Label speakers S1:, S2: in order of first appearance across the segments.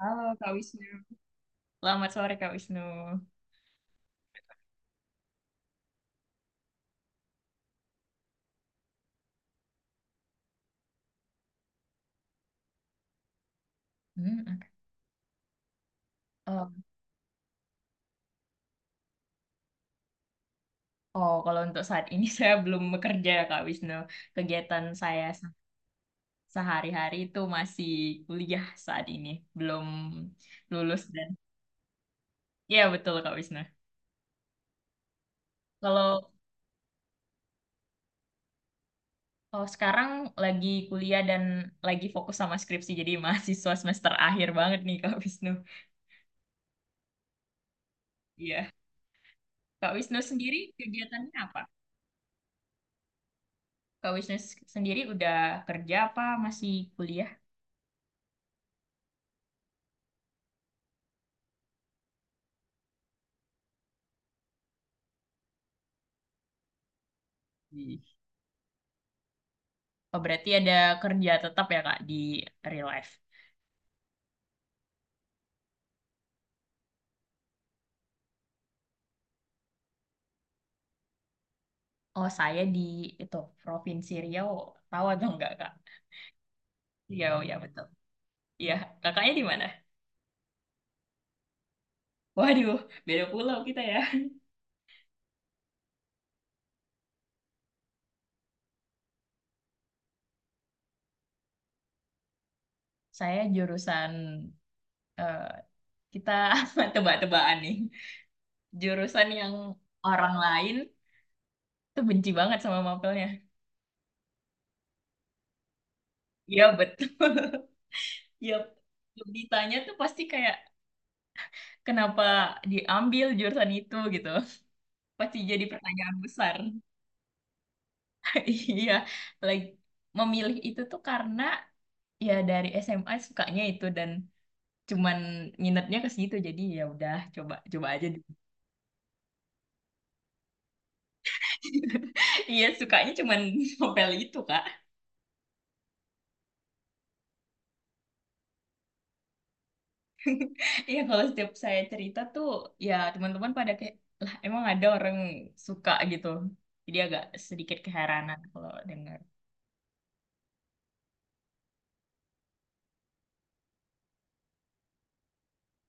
S1: Halo Kak Wisnu. Selamat sore Kak Wisnu. Hmm, oke. Oh, oh, kalau untuk saat ini saya belum bekerja Kak Wisnu. Kegiatan saya sehari-hari itu masih kuliah saat ini, belum lulus dan ya betul Kak Wisnu. Kalau kalau sekarang lagi kuliah dan lagi fokus sama skripsi, jadi mahasiswa semester akhir banget nih Kak Wisnu. Iya. Kak Wisnu sendiri kegiatannya apa? Kak Wisnu sendiri udah kerja apa masih kuliah? Oh, berarti ada kerja tetap ya, Kak, di real life. Oh, saya di itu Provinsi Riau. Tahu atau enggak, Kak? Riau, ya betul. Iya, kakaknya di mana? Waduh, beda pulau kita ya. Saya jurusan eh, kita tebak-tebakan nih. Jurusan yang orang lain tuh benci banget sama mapelnya. Iya, betul. Iya, ditanya tuh pasti kayak kenapa diambil jurusan itu gitu. Pasti jadi pertanyaan besar. Iya, like memilih itu tuh karena ya dari SMA sukanya itu dan cuman minatnya ke situ jadi ya udah coba coba aja dulu. Iya, sukanya cuman novel itu, Kak. Iya, kalau setiap saya cerita tuh ya teman-teman pada kayak lah emang ada orang suka gitu. Jadi agak sedikit keheranan kalau dengar.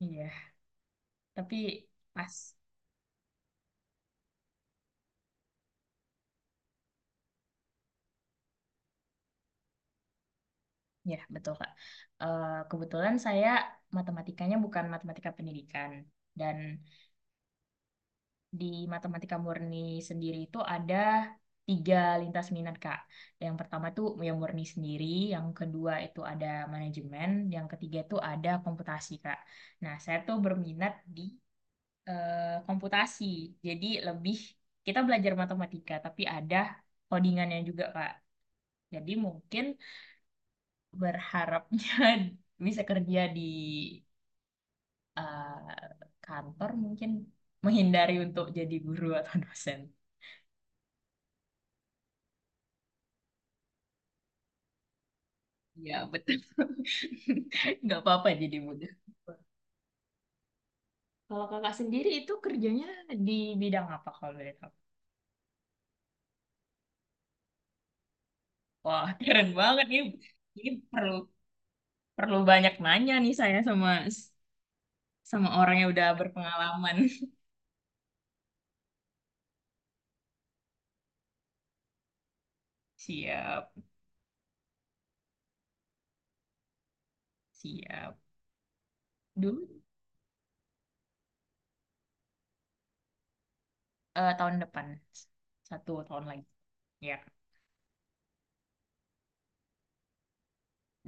S1: Iya, tapi pas ya betul, Kak. Kebetulan saya matematikanya bukan matematika pendidikan dan di matematika murni sendiri itu ada tiga lintas minat, Kak. Yang pertama itu yang murni sendiri, yang kedua itu ada manajemen, yang ketiga itu ada komputasi, Kak. Nah, saya tuh berminat di komputasi, jadi lebih kita belajar matematika, tapi ada codingannya juga, Kak. Jadi mungkin berharapnya bisa kerja di kantor, mungkin menghindari untuk jadi guru atau dosen. Ya, betul. Nggak apa-apa jadi muda. Kalau kakak sendiri itu kerjanya di bidang apa kalau boleh tahu? Wah, keren banget nih. Ini perlu perlu banyak nanya nih saya sama sama orang yang udah berpengalaman. Siap, siap. Dulu tahun depan 1 tahun lagi. Ya.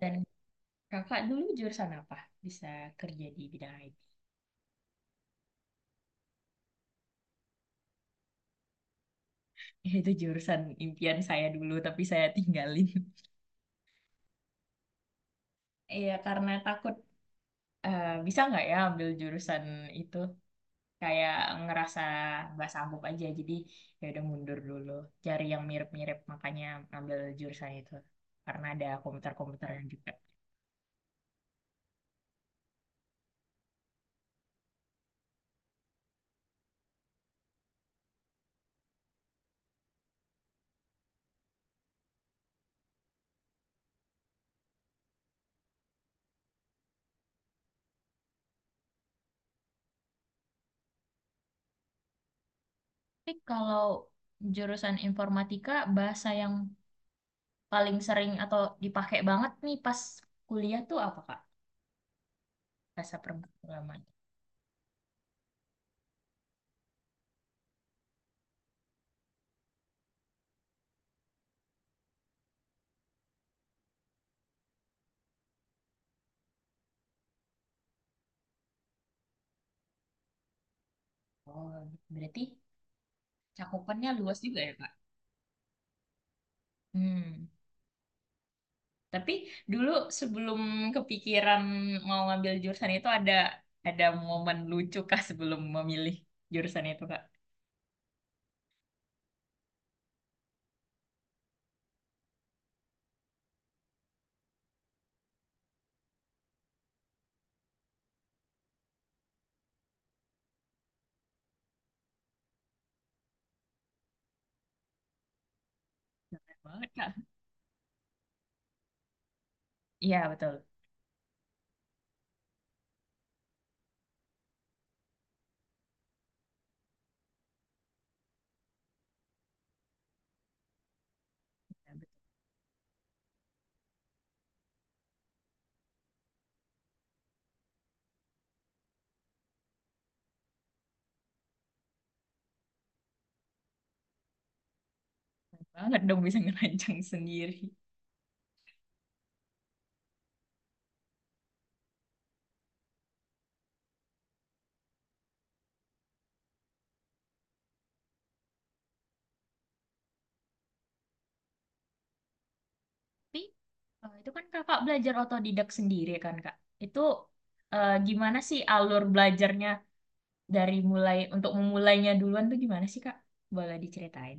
S1: Dan kakak dulu jurusan apa? Bisa kerja di bidang IT. Itu jurusan impian saya dulu, tapi saya tinggalin. Iya, karena takut bisa nggak ya ambil jurusan itu kayak ngerasa nggak sanggup aja jadi ya udah mundur dulu cari yang mirip-mirip makanya ambil jurusan itu karena ada komputer-komputernya juga. Tapi kalau jurusan informatika, bahasa yang paling sering atau dipakai banget nih pas kuliah tuh apa, Kak? Bahasa pemrograman. Oh, berarti cakupannya luas juga ya Kak. Hmm. Tapi dulu sebelum kepikiran mau ngambil jurusan itu ada momen lucu kah sebelum memilih jurusan itu Kak? Keren banget Kak. Iya betul. Ya, betul banget dong bisa ngerancang sendiri. Tapi itu kan Kakak belajar otodidak sendiri kan Kak? Itu gimana sih alur belajarnya dari mulai untuk memulainya duluan tuh gimana sih Kak? Boleh diceritain?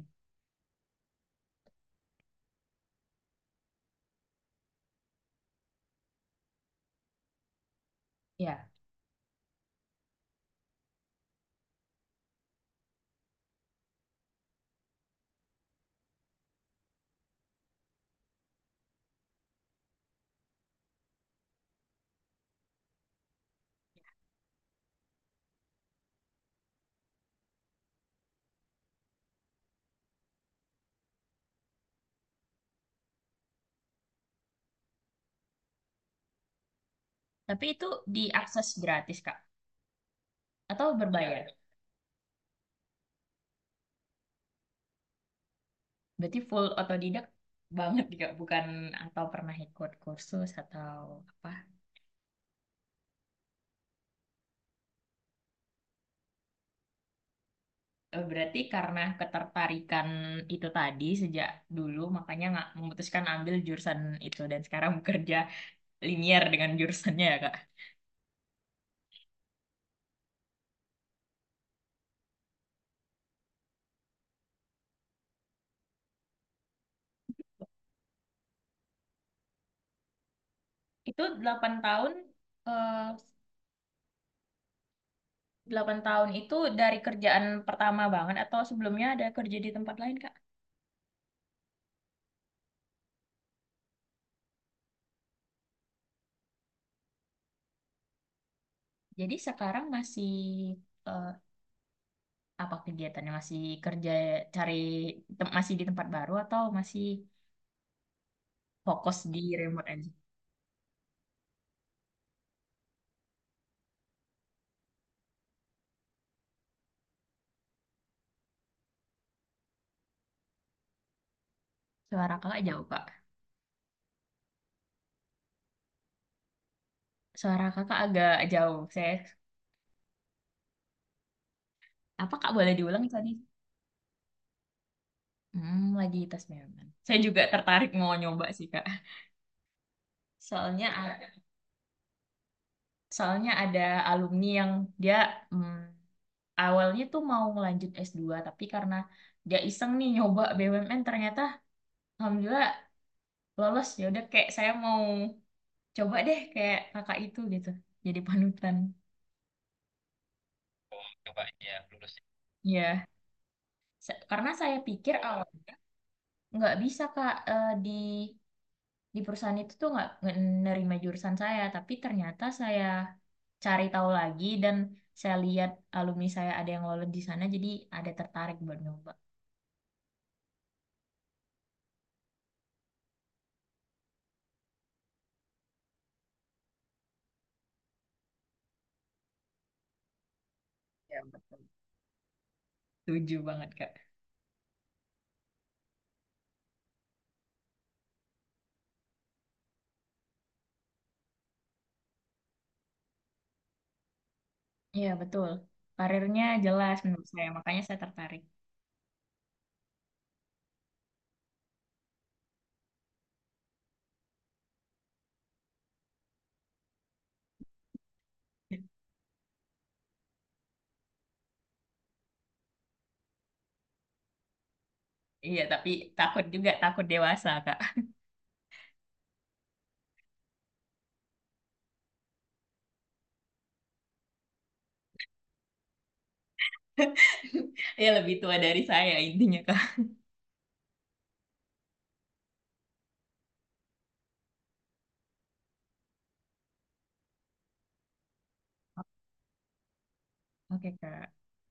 S1: Ya. Tapi itu diakses gratis Kak? Atau berbayar? Berarti full otodidak banget juga, bukan atau pernah ikut kursus atau apa. Berarti karena ketertarikan itu tadi sejak dulu, makanya nggak memutuskan ambil jurusan itu dan sekarang bekerja linier dengan jurusannya ya, Kak. Itu 8 tahun, eh, 8 tahun itu dari kerjaan pertama banget atau sebelumnya ada kerja di tempat lain, Kak? Jadi sekarang masih eh, apa kegiatannya? Masih kerja cari masih di tempat baru atau masih fokus di remote aja. Suara kakak jauh, Kak. Suara kakak agak jauh. Apa Kak boleh diulang tadi? Hmm, lagi tes memang. Saya juga tertarik mau nyoba sih, Kak. Soalnya, a- soalnya ada alumni yang dia hmm, awalnya tuh mau ngelanjut S2 tapi karena dia iseng nih nyoba BUMN, ternyata alhamdulillah lolos. Ya udah kayak saya mau coba deh kayak kakak itu gitu. Jadi panutan. Ya, karena saya pikir awal nggak bisa Kak. Di perusahaan itu tuh nggak nerima jurusan saya tapi ternyata saya cari tahu lagi dan saya lihat alumni saya ada yang lolos di sana jadi ada tertarik buat nyoba. Ya, betul. Setuju banget, Kak. Iya betul. Karirnya jelas menurut saya makanya saya tertarik. Iya, tapi takut juga, takut dewasa, Kak. Ya lebih tua dari saya intinya, Kak. Oke Kak.